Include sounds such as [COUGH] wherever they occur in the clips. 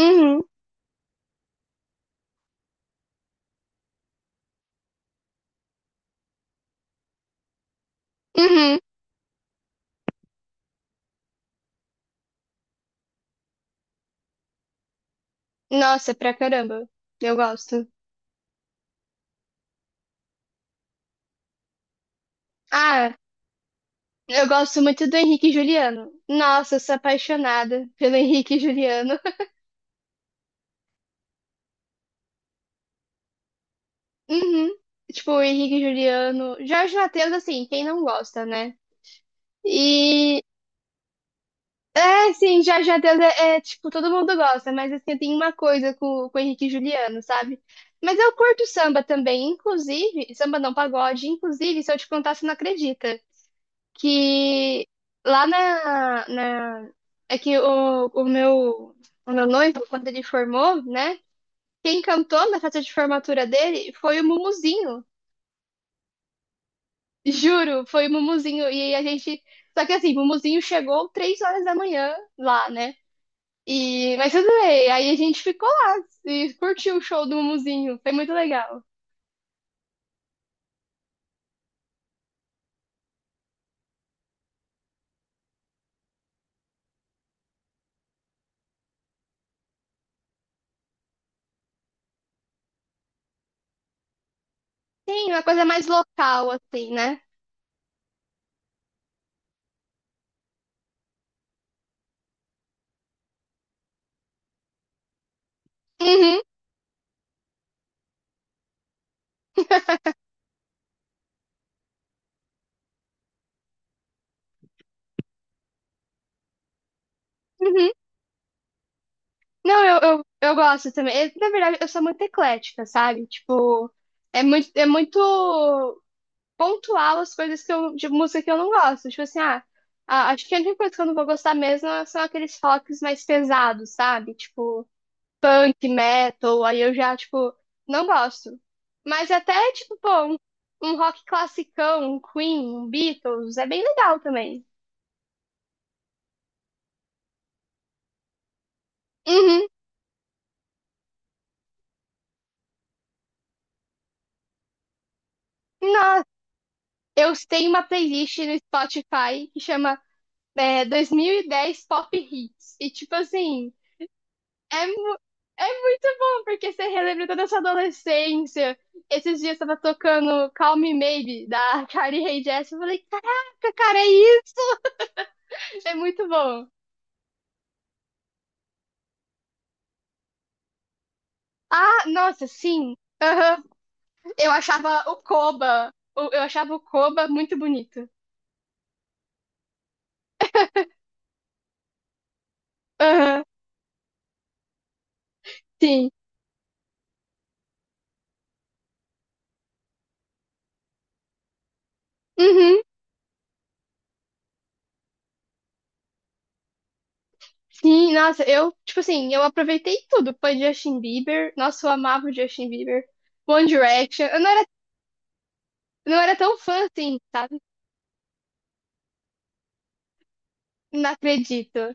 Uhum, uhum. Nossa, pra caramba. Eu gosto. Ah, eu gosto muito do Henrique e Juliano. Nossa, eu sou apaixonada pelo Henrique e Juliano. [LAUGHS] Uhum. Tipo, o Henrique e Juliano. Jorge Mateus, assim, quem não gosta, né? E, é, assim, Jorge Mateus é, tipo, todo mundo gosta, mas, assim, tem uma coisa com o Henrique e Juliano, sabe? Mas eu curto samba também, inclusive, samba não, pagode, inclusive, se eu te contar, você não acredita. Que lá na é que o meu noivo quando ele formou, né? Quem cantou na festa de formatura dele foi o Mumuzinho. Juro, foi o Mumuzinho e a gente, só que assim, o Mumuzinho chegou três horas da manhã lá, né? E mas tudo bem, aí a gente ficou lá e curtiu o show do Mumuzinho, foi muito legal. Sim, uma coisa mais local assim, né? Uhum, uhum. Não, eu gosto também. Eu, na verdade, eu sou muito eclética, sabe? Tipo, é muito pontual as coisas que eu, de música que eu não gosto. Tipo assim, ah, acho que a única coisa que eu não vou gostar mesmo são aqueles rocks mais pesados, sabe? Tipo, punk, metal, aí eu já, tipo, não gosto. Mas até, tipo, pô, um rock classicão, um Queen, um Beatles, é bem legal também. Uhum. Nossa, eu tenho uma playlist no Spotify que chama é, 2010 Pop Hits. E, tipo assim, é, mu- é muito bom, porque você relembra toda a sua adolescência. Esses dias tava tocando Call Me Maybe, da [LAUGHS] Carly Rae Jepsen. Eu falei, caraca, cara, é isso! É muito bom. Ah, nossa, sim. Aham. Eu achava o Koba, eu achava o Koba muito bonito. Aham, sim. Uhum. Sim, nossa, eu, tipo assim, eu aproveitei tudo. Foi Justin Bieber, nossa, eu amava o Justin Bieber. One Direction. Eu não Não era tão fã assim, sabe? Não acredito.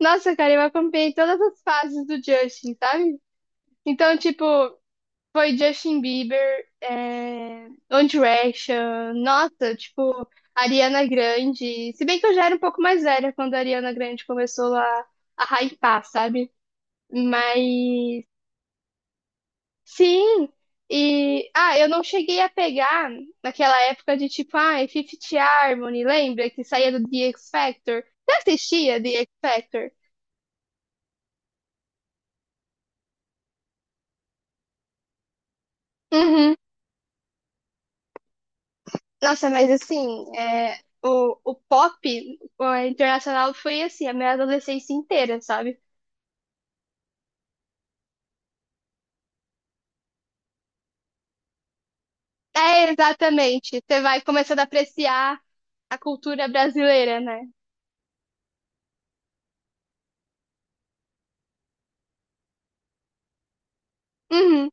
Nossa, cara, eu acompanhei todas as fases do Justin, sabe? Então, tipo, foi Justin Bieber, é... One Direction, nossa, tipo, Ariana Grande. Se bem que eu já era um pouco mais velha quando a Ariana Grande começou a hypar, sabe? Mas sim, e ah, eu não cheguei a pegar naquela época de tipo, ah, é Fifth Harmony, lembra que saía do The X Factor? Você assistia The X Factor? Uhum. Nossa, mas assim, é, o pop o internacional foi assim, a minha adolescência inteira, sabe? É, exatamente. Você vai começando a apreciar a cultura brasileira, né? Uhum.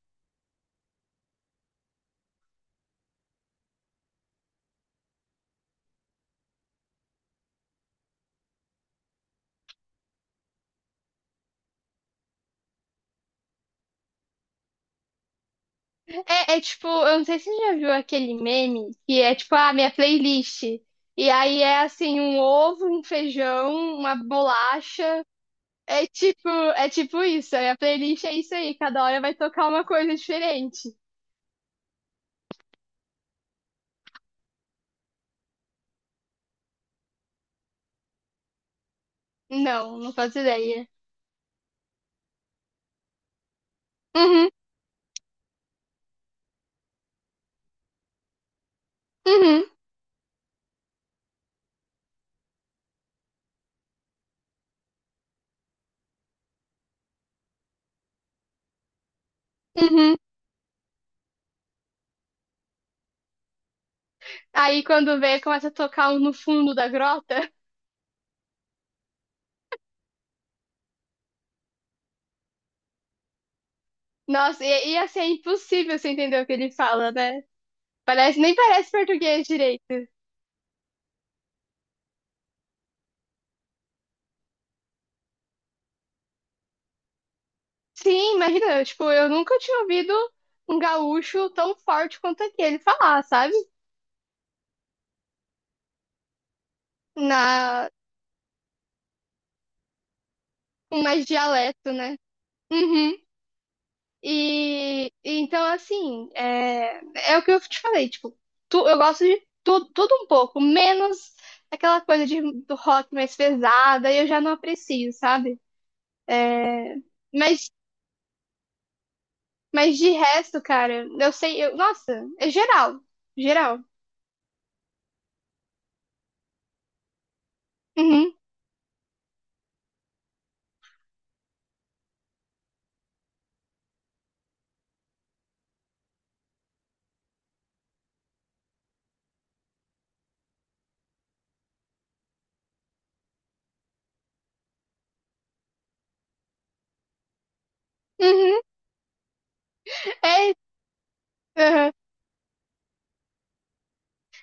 É, é tipo, eu não sei se você já viu aquele meme que é tipo, ah, minha playlist. E aí é assim, um ovo, um feijão, uma bolacha. É tipo, é tipo isso. A minha playlist é isso aí, cada hora vai tocar uma coisa diferente. Não, não faço ideia. Uhum, uhum, uhum. Aí quando vê, começa a tocar um no fundo da grota. [LAUGHS] Nossa, e assim, é impossível você entender o que ele fala, né? Parece, nem parece português direito. Sim, imagina, tipo, eu nunca tinha ouvido um gaúcho tão forte quanto aquele falar, sabe? Na, com mais dialeto, né? Uhum. E então, assim, é, é o que eu te falei, tipo, eu gosto de tudo, tudo um pouco, menos aquela coisa de, do rock mais pesada, eu já não aprecio, sabe? É, mas, mas de resto, cara, eu sei, eu, nossa, é geral, geral. Uhum, uhum, é, uhum.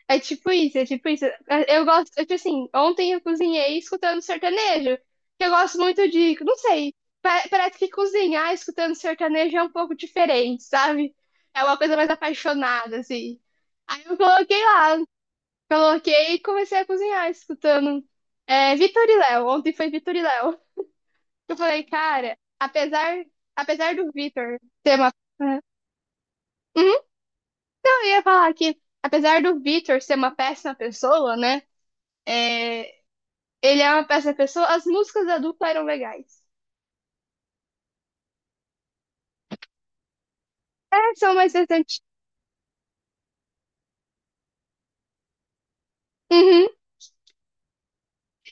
É tipo isso, é tipo isso. É, eu gosto, eu, tipo assim, ontem eu cozinhei escutando sertanejo, que eu gosto muito de, não sei, parece que cozinhar escutando sertanejo é um pouco diferente, sabe? É uma coisa mais apaixonada, assim. Aí eu coloquei lá, coloquei e comecei a cozinhar escutando é, Vitor e Léo. Ontem foi Vitor e Léo. Eu falei, cara, apesar, apesar do Vitor ser uma... Uhum, eu ia falar aqui, apesar do Vitor ser uma péssima pessoa, né? É, ele é uma péssima pessoa. As músicas da dupla eram legais. É, são mais recentes. Uhum.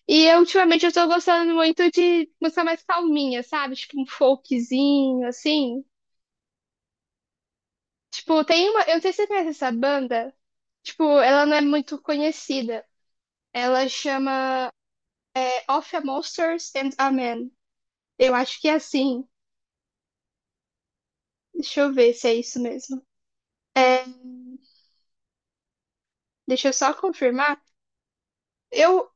E eu, ultimamente eu tô gostando muito de música mais calminha, sabe? Tipo um folkzinho, assim. Tipo, tem uma. Eu não sei se você conhece essa banda. Tipo, ela não é muito conhecida. Ela chama é, Of a Monsters and a Man. Eu acho que é assim. Deixa eu ver se é isso mesmo. Deixa eu só confirmar. Eu,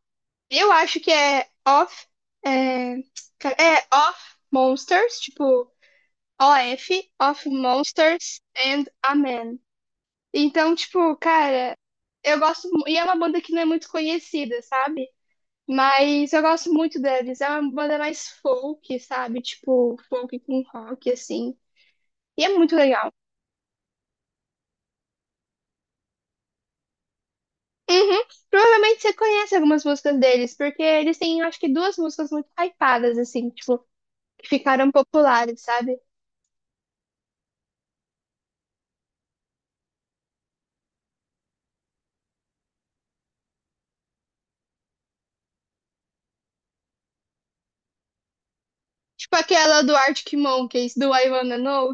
eu acho que é Of. É, é Of Monsters, tipo, OF, Of Monsters and a Man. Então, tipo, cara, eu gosto. E é uma banda que não é muito conhecida, sabe? Mas eu gosto muito deles. É uma banda mais folk, sabe? Tipo, folk com rock, assim. E é muito legal. Uhum. Provavelmente você conhece algumas músicas deles, porque eles têm, acho que, duas músicas muito hypadas, assim, tipo, que ficaram populares, sabe? Tipo aquela do Arctic Monkeys, do I Wanna Know.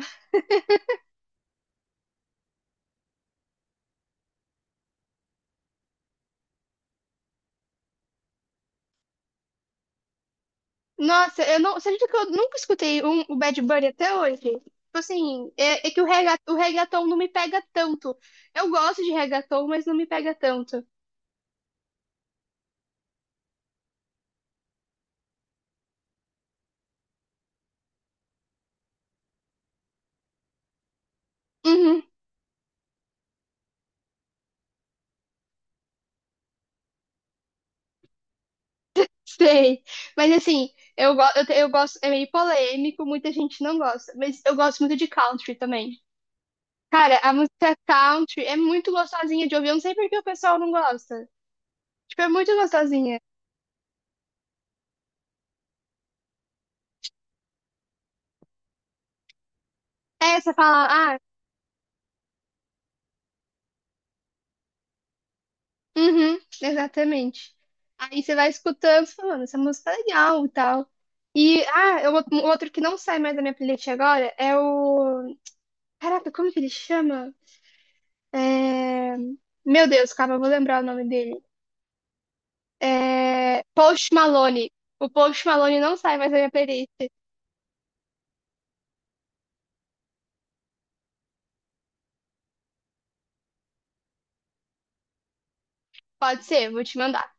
Nossa, eu não. Você acredita que eu nunca escutei um, o Bad Bunny até hoje? Tipo assim, é, é que o, rega, o reggaeton não me pega tanto. Eu gosto de reggaeton, mas não me pega tanto. Uhum, [LAUGHS] sei. Mas assim, eu, eu, eu gosto. É meio polêmico, muita gente não gosta. Mas eu gosto muito de country também. Cara, a música country é muito gostosinha de ouvir. Eu não sei por que o pessoal não gosta. Tipo, é muito gostosinha. É, você fala, ah. Uhum, exatamente. Aí você vai escutando, você falando, essa música é legal e tal. E, ah, é um outro que não sai mais da minha playlist agora é o. Caraca, como que ele chama? É... Meu Deus, calma, eu vou lembrar o nome dele. É... Post Malone. O Post Malone não sai mais da minha playlist. Pode ser, vou te mandar.